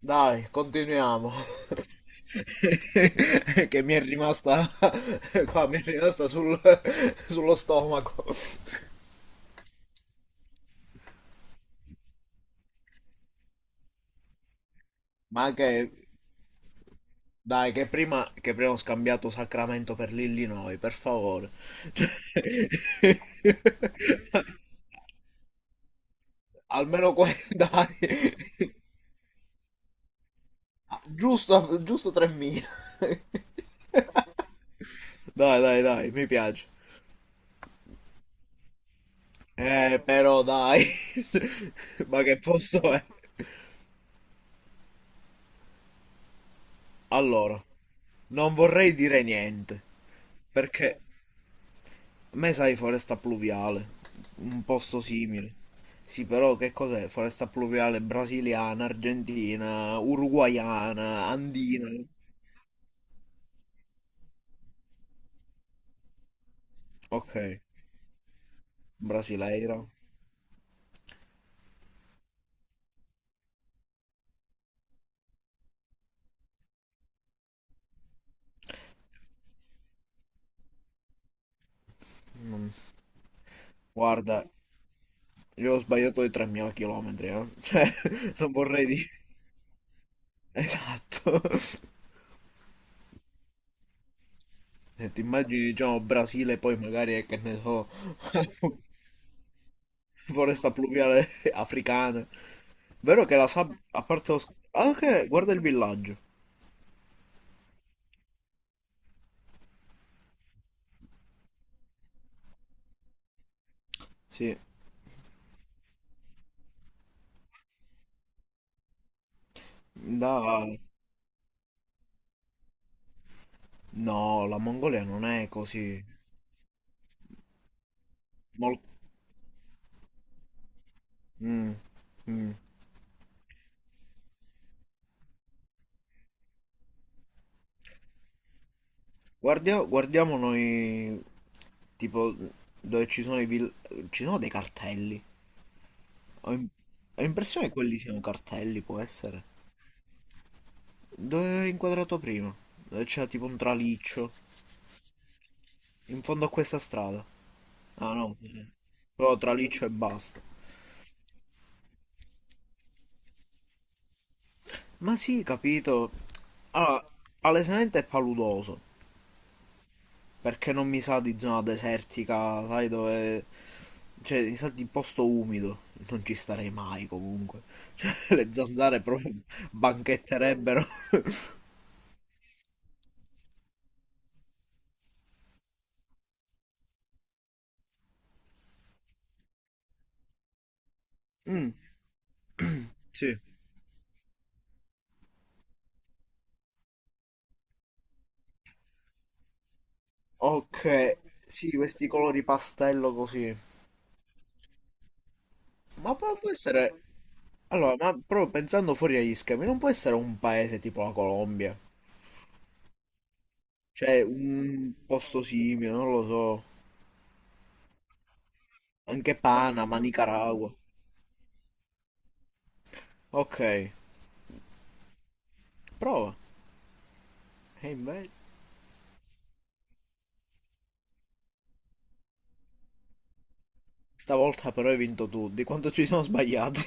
Dai, continuiamo. Che mi è rimasta qua, mi è rimasta sullo stomaco. Ma anche, dai, che prima ho scambiato Sacramento per l'Illinois, per favore. Almeno qua, dai. Giusto, giusto 3.000. Dai, dai, dai, mi piace. Però dai. Ma che posto è? Allora, non vorrei dire niente, perché a me sai foresta pluviale, un posto simile. Sì, però che cos'è? Foresta pluviale brasiliana, argentina, uruguaiana, andina. Ok, brasileira. Mm, guarda, io ho sbagliato di 3000 km, eh. Cioè, non vorrei dire... Esatto. E ti immagini, diciamo, Brasile, poi magari, che ne so... foresta pluviale africana. Vero che la sabbia, a parte lo ah, ok, guarda il villaggio. Sì, da... No, la Mongolia non è così. Mol- Mm, mm. Guardiamo noi, tipo, dove ci sono i ci sono dei cartelli. Ho, im- ho l'impressione che quelli siano cartelli, può essere. Dove ho inquadrato prima? Dove c'era tipo un traliccio. In fondo a questa strada. Ah no, sì. Però traliccio e basta. Ma sì, capito. Allora, palesemente è paludoso, perché non mi sa di zona desertica, sai dove... Cioè, mi sa di posto umido, non ci starei mai comunque. Cioè, le zanzare proprio banchetterebbero. Mm, sì. Ok, sì, questi colori pastello così. Ma poi può essere... Allora, ma proprio pensando fuori agli schemi, non può essere un paese tipo la Colombia? Cioè, un posto simile, non lo so. Anche Panama, Nicaragua. Ok, prova. E invece... Stavolta però hai vinto tu, di quanto ci siamo sbagliati.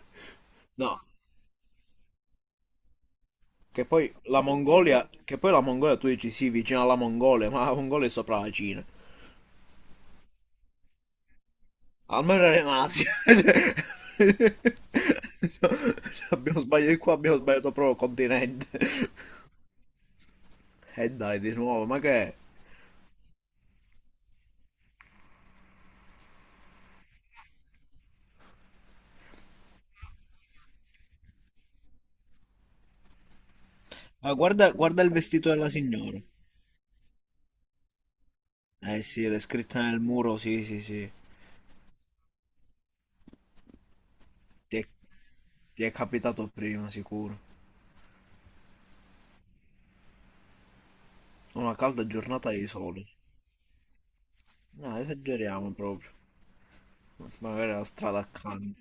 No, che poi la Mongolia, che poi la Mongolia tu dici sì, vicino alla Mongolia, ma la Mongolia è sopra la Cina. Almeno era in Asia. No, abbiamo sbagliato qua, abbiamo sbagliato proprio continente. E dai, di nuovo, ma che è? Ma guarda, guarda il vestito della signora. Eh sì, le scritte nel muro, sì, sì, sì. Ti è, ti è capitato prima, sicuro. Una calda giornata di sole. No, esageriamo proprio. Magari la strada accanto.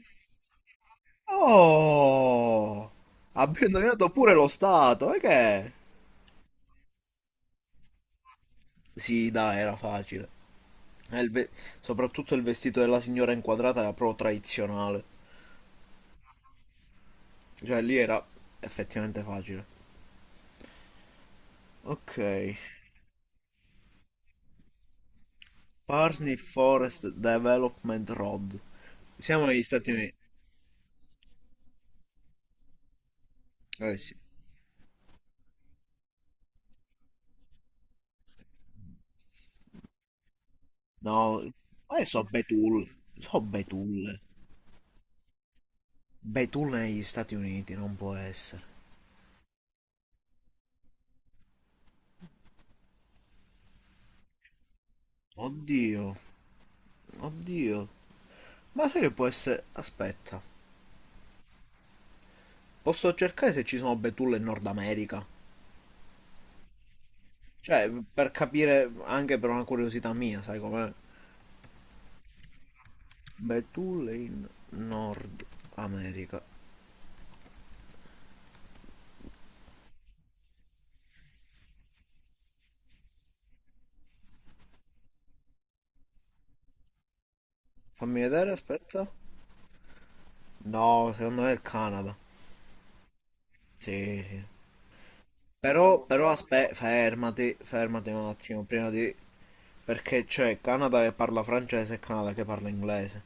Oh! Abbiamo indovinato pure lo stato, e che? È? Sì, dai, era facile. Eh, il ve- Soprattutto il vestito della signora inquadrata era proprio tradizionale. Cioè, lì era effettivamente facile. Ok. Parsney Forest Development Road. Siamo negli Stati Uniti. Eh sì. No, ma so betulle. So betulle. Beh, tu negli Stati Uniti non può essere. Oddio, oddio. Ma sai che può essere... Aspetta, posso cercare se ci sono betulle in Nord America? Cioè, per capire, anche per una curiosità mia, sai com'è? Betulle in Nord America. Fammi vedere, aspetta. No, secondo me è il Canada. Sì, sì. Però, però aspetta, fermati, fermati un attimo, prima di... Perché c'è Canada che parla francese e Canada che parla inglese.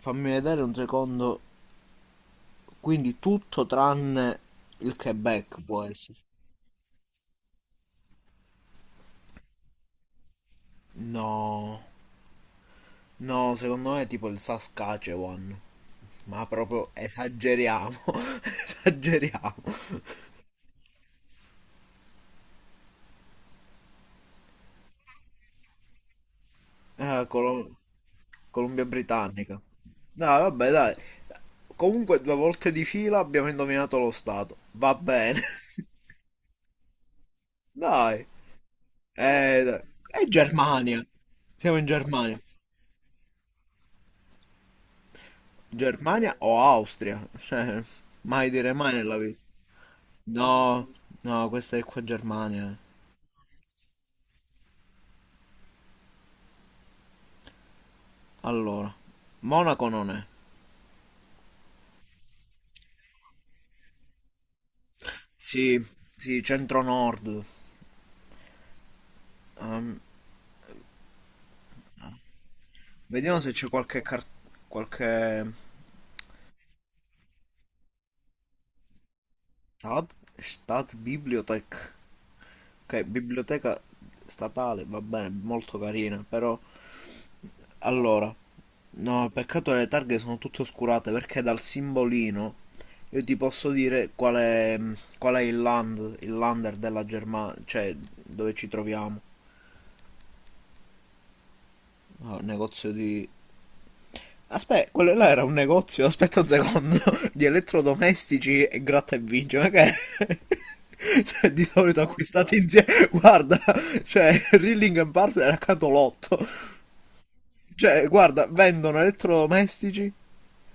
Fammi vedere un secondo. Quindi tutto tranne il Quebec può essere. No, no, secondo me è tipo il Saskatchewan. Ma proprio esageriamo, esageriamo. Eh, Colo- Columbia Britannica. No, vabbè, dai. Comunque due volte di fila abbiamo indovinato lo stato. Va bene. Dai. Dai. È Germania. Siamo in Germania. Germania o Austria? Cioè, mai dire mai nella vita. No, no, questa è qua Germania. Allora, Monaco non è. Sì, sì, centro-nord. Ehm, vediamo se c'è qualche qualche stat, stat bibliothek. Ok, biblioteca statale, va bene, molto carina, però allora, no, peccato che le targhe sono tutte oscurate perché dal simbolino io ti posso dire qual è, mm, qual è il land, il lander della Germania, cioè dove ci troviamo. Ah, un negozio di... Aspetta, quello là era un negozio, aspetta un secondo, di elettrodomestici e gratta e vince, ma che... è? Cioè, di solito acquistati insieme, guarda, cioè Rilling and Partner era accanto l'otto. Cioè, guarda, vendono elettrodomestici.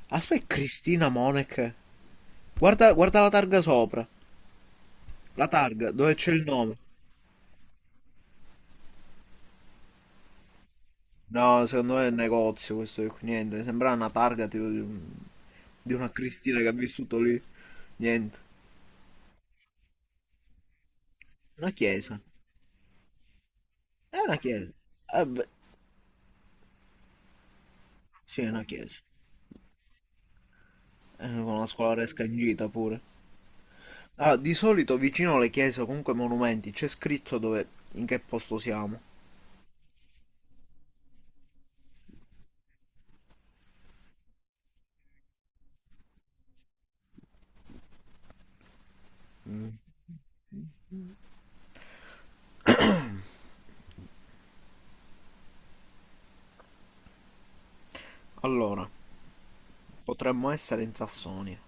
Aspetta, Cristina Monek. Guarda, guarda la targa sopra. La targa, dove c'è il nome. No, secondo me è il negozio questo qui. Niente, sembra una targa tipo di, un- di una Cristina che ha vissuto lì. Niente. Una chiesa. È una chiesa. Eh beh, sì, è una chiesa. Con una scolaresca in gita pure. Ah, di solito vicino alle chiese o comunque ai monumenti c'è scritto dove, in che posto siamo. Mm. Allora, potremmo essere in Sassonia.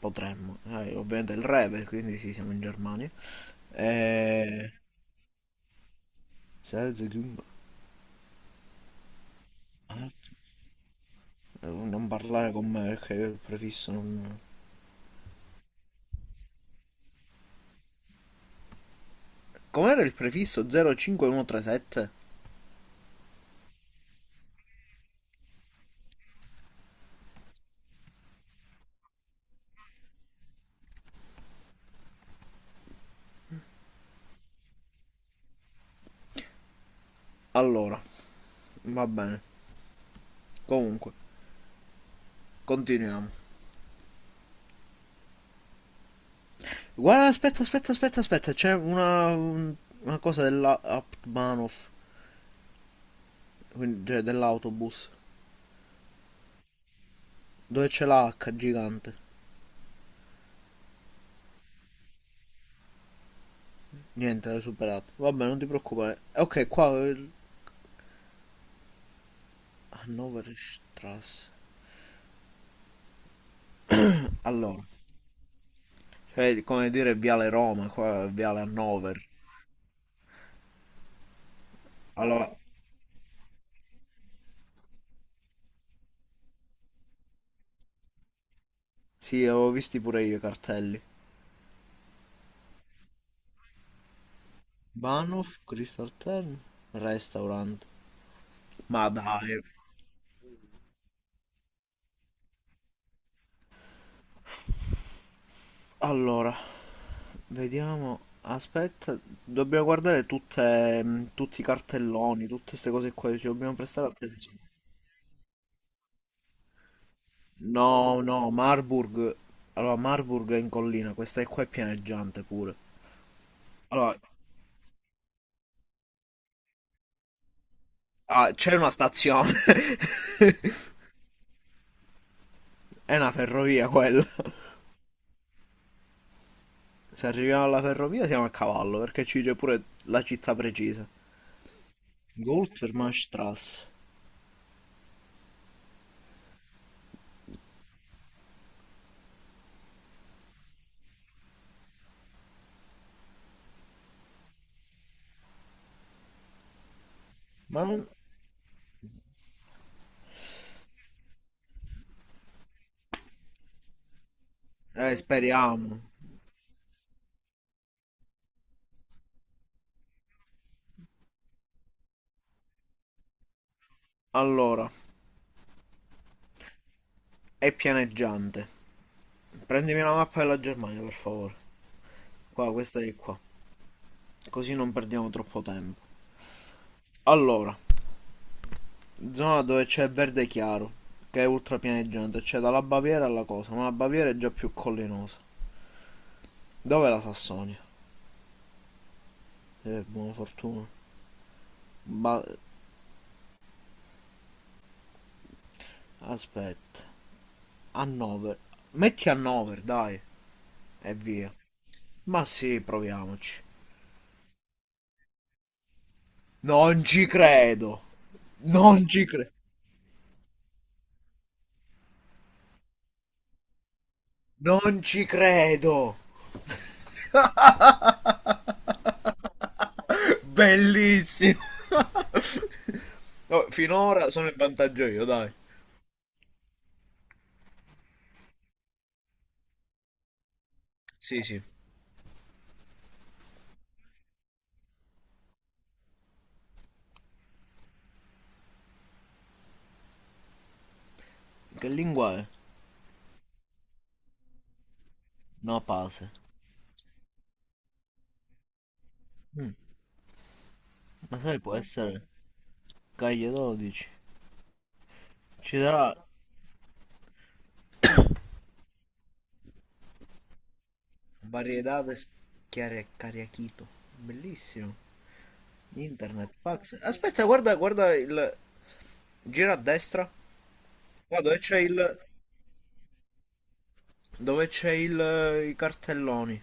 Potremmo. Ovviamente il re, per- quindi sì, siamo in Germania. Eh, Selzekimba. Non parlare con me perché io il prefisso non... Com'era il prefisso 05137? Allora, va bene. Comunque, continuiamo. Guarda, aspetta, aspetta, aspetta, aspetta. C'è una, un- una cosa dell'Aptmanov, cioè dell'autobus, dove c'è la H gigante. Niente, l'hai superato. Vabbè, non ti preoccupare. Ok, qua... Hannover Strasse. Allora, cioè, come dire Viale Roma, qua è Viale Hannover. Allora, sì, avevo visti pure io i cartelli. Banoff, Crystal Tern, Restaurant. Ma dai. Allora, vediamo. Aspetta, dobbiamo guardare tutte, tutti i cartelloni, tutte queste cose qua, ci dobbiamo prestare attenzione. No, no, Marburg. Allora, Marburg è in collina, questa è qua è pianeggiante pure. Allora, ah, c'è una stazione, è una ferrovia quella. Se arriviamo alla ferrovia siamo a cavallo, perché ci dice pure la città precisa. Gol per Mastras. Ma non... speriamo. Allora, è pianeggiante. Prendimi la mappa della Germania, per favore. Qua, questa è qua. Così non perdiamo troppo tempo. Allora, zona dove c'è verde chiaro, che è ultra pianeggiante. C'è cioè dalla Baviera alla cosa, ma la Baviera è già più collinosa. Dov'è la Sassonia? Buona fortuna. Ba- Aspetta. Hannover. Metti Hannover, dai. E via. Ma sì, proviamoci. Non ci credo. Non ci credo. Non ci credo. Bellissimo. Oh, finora sono in vantaggio io, dai. Sì, sì. Che lingua è? No, pase. Ma sai, può essere Caglie 12. Ci sarà variedades chiare cariachito. Bellissimo. Internet, fax. Aspetta, guarda, guarda il... Gira a destra. Qua dove c'è il... Dove c'è il... I cartelloni.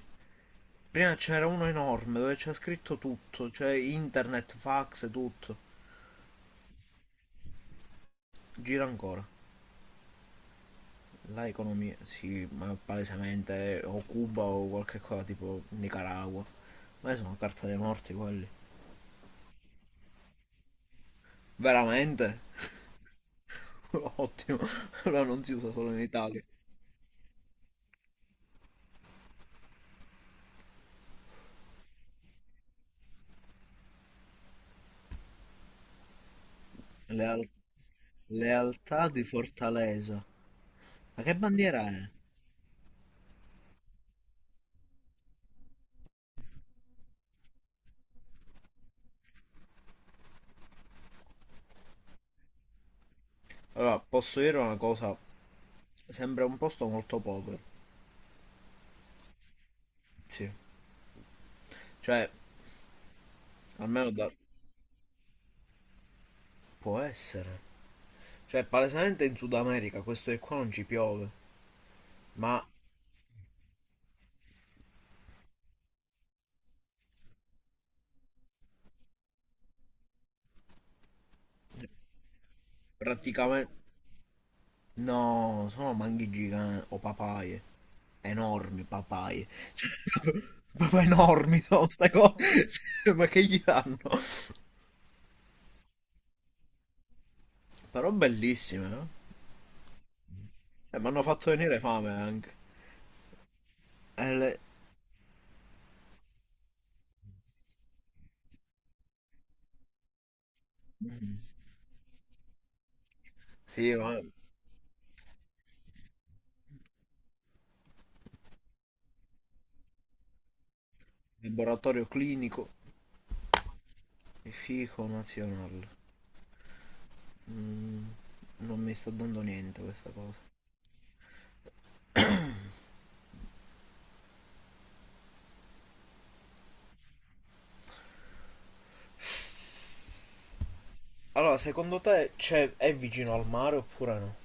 Prima c'era uno enorme dove c'è scritto tutto, cioè internet, fax, tutto. Gira ancora. La economia, sì, ma palesemente o Cuba o qualche cosa tipo Nicaragua. Ma sono carta dei morti quelli. Veramente? Ottimo. Allora non si usa solo in Italia. Leal- lealtà di Fortaleza. Ma che bandiera è? Allora, posso dire una cosa, sembra un posto molto povero. Sì. Cioè, almeno da... Può essere. Cioè, palesemente in Sud America questo che qua non ci piove, ma praticamente... No, sono manghi giganti o papaie, enormi papaie. Cioè, proprio enormi sono queste cose, cioè, ma che gli danno? Però bellissime, no? Mi hanno fatto venire fame anche. E le- Mm. Sì, ma... Laboratorio clinico e fico nazionale. Mm, non mi sta dando niente questa cosa. Allora, secondo te c'è, è vicino al mare oppure no?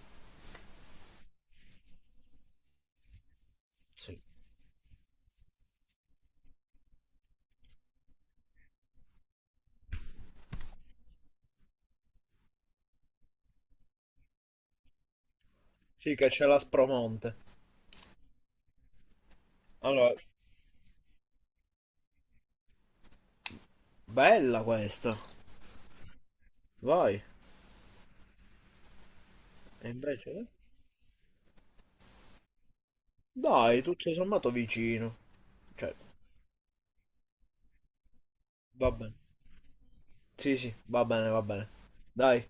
Sì. Sì, che c'è la Spromonte. Allora, bella questa. Vai. E invece? Eh? Dai, tutto sommato vicino. Cioè, va bene. Sì, sì, va bene, va bene. Dai,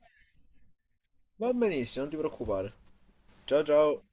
va benissimo, non ti preoccupare. Ciao, ciao.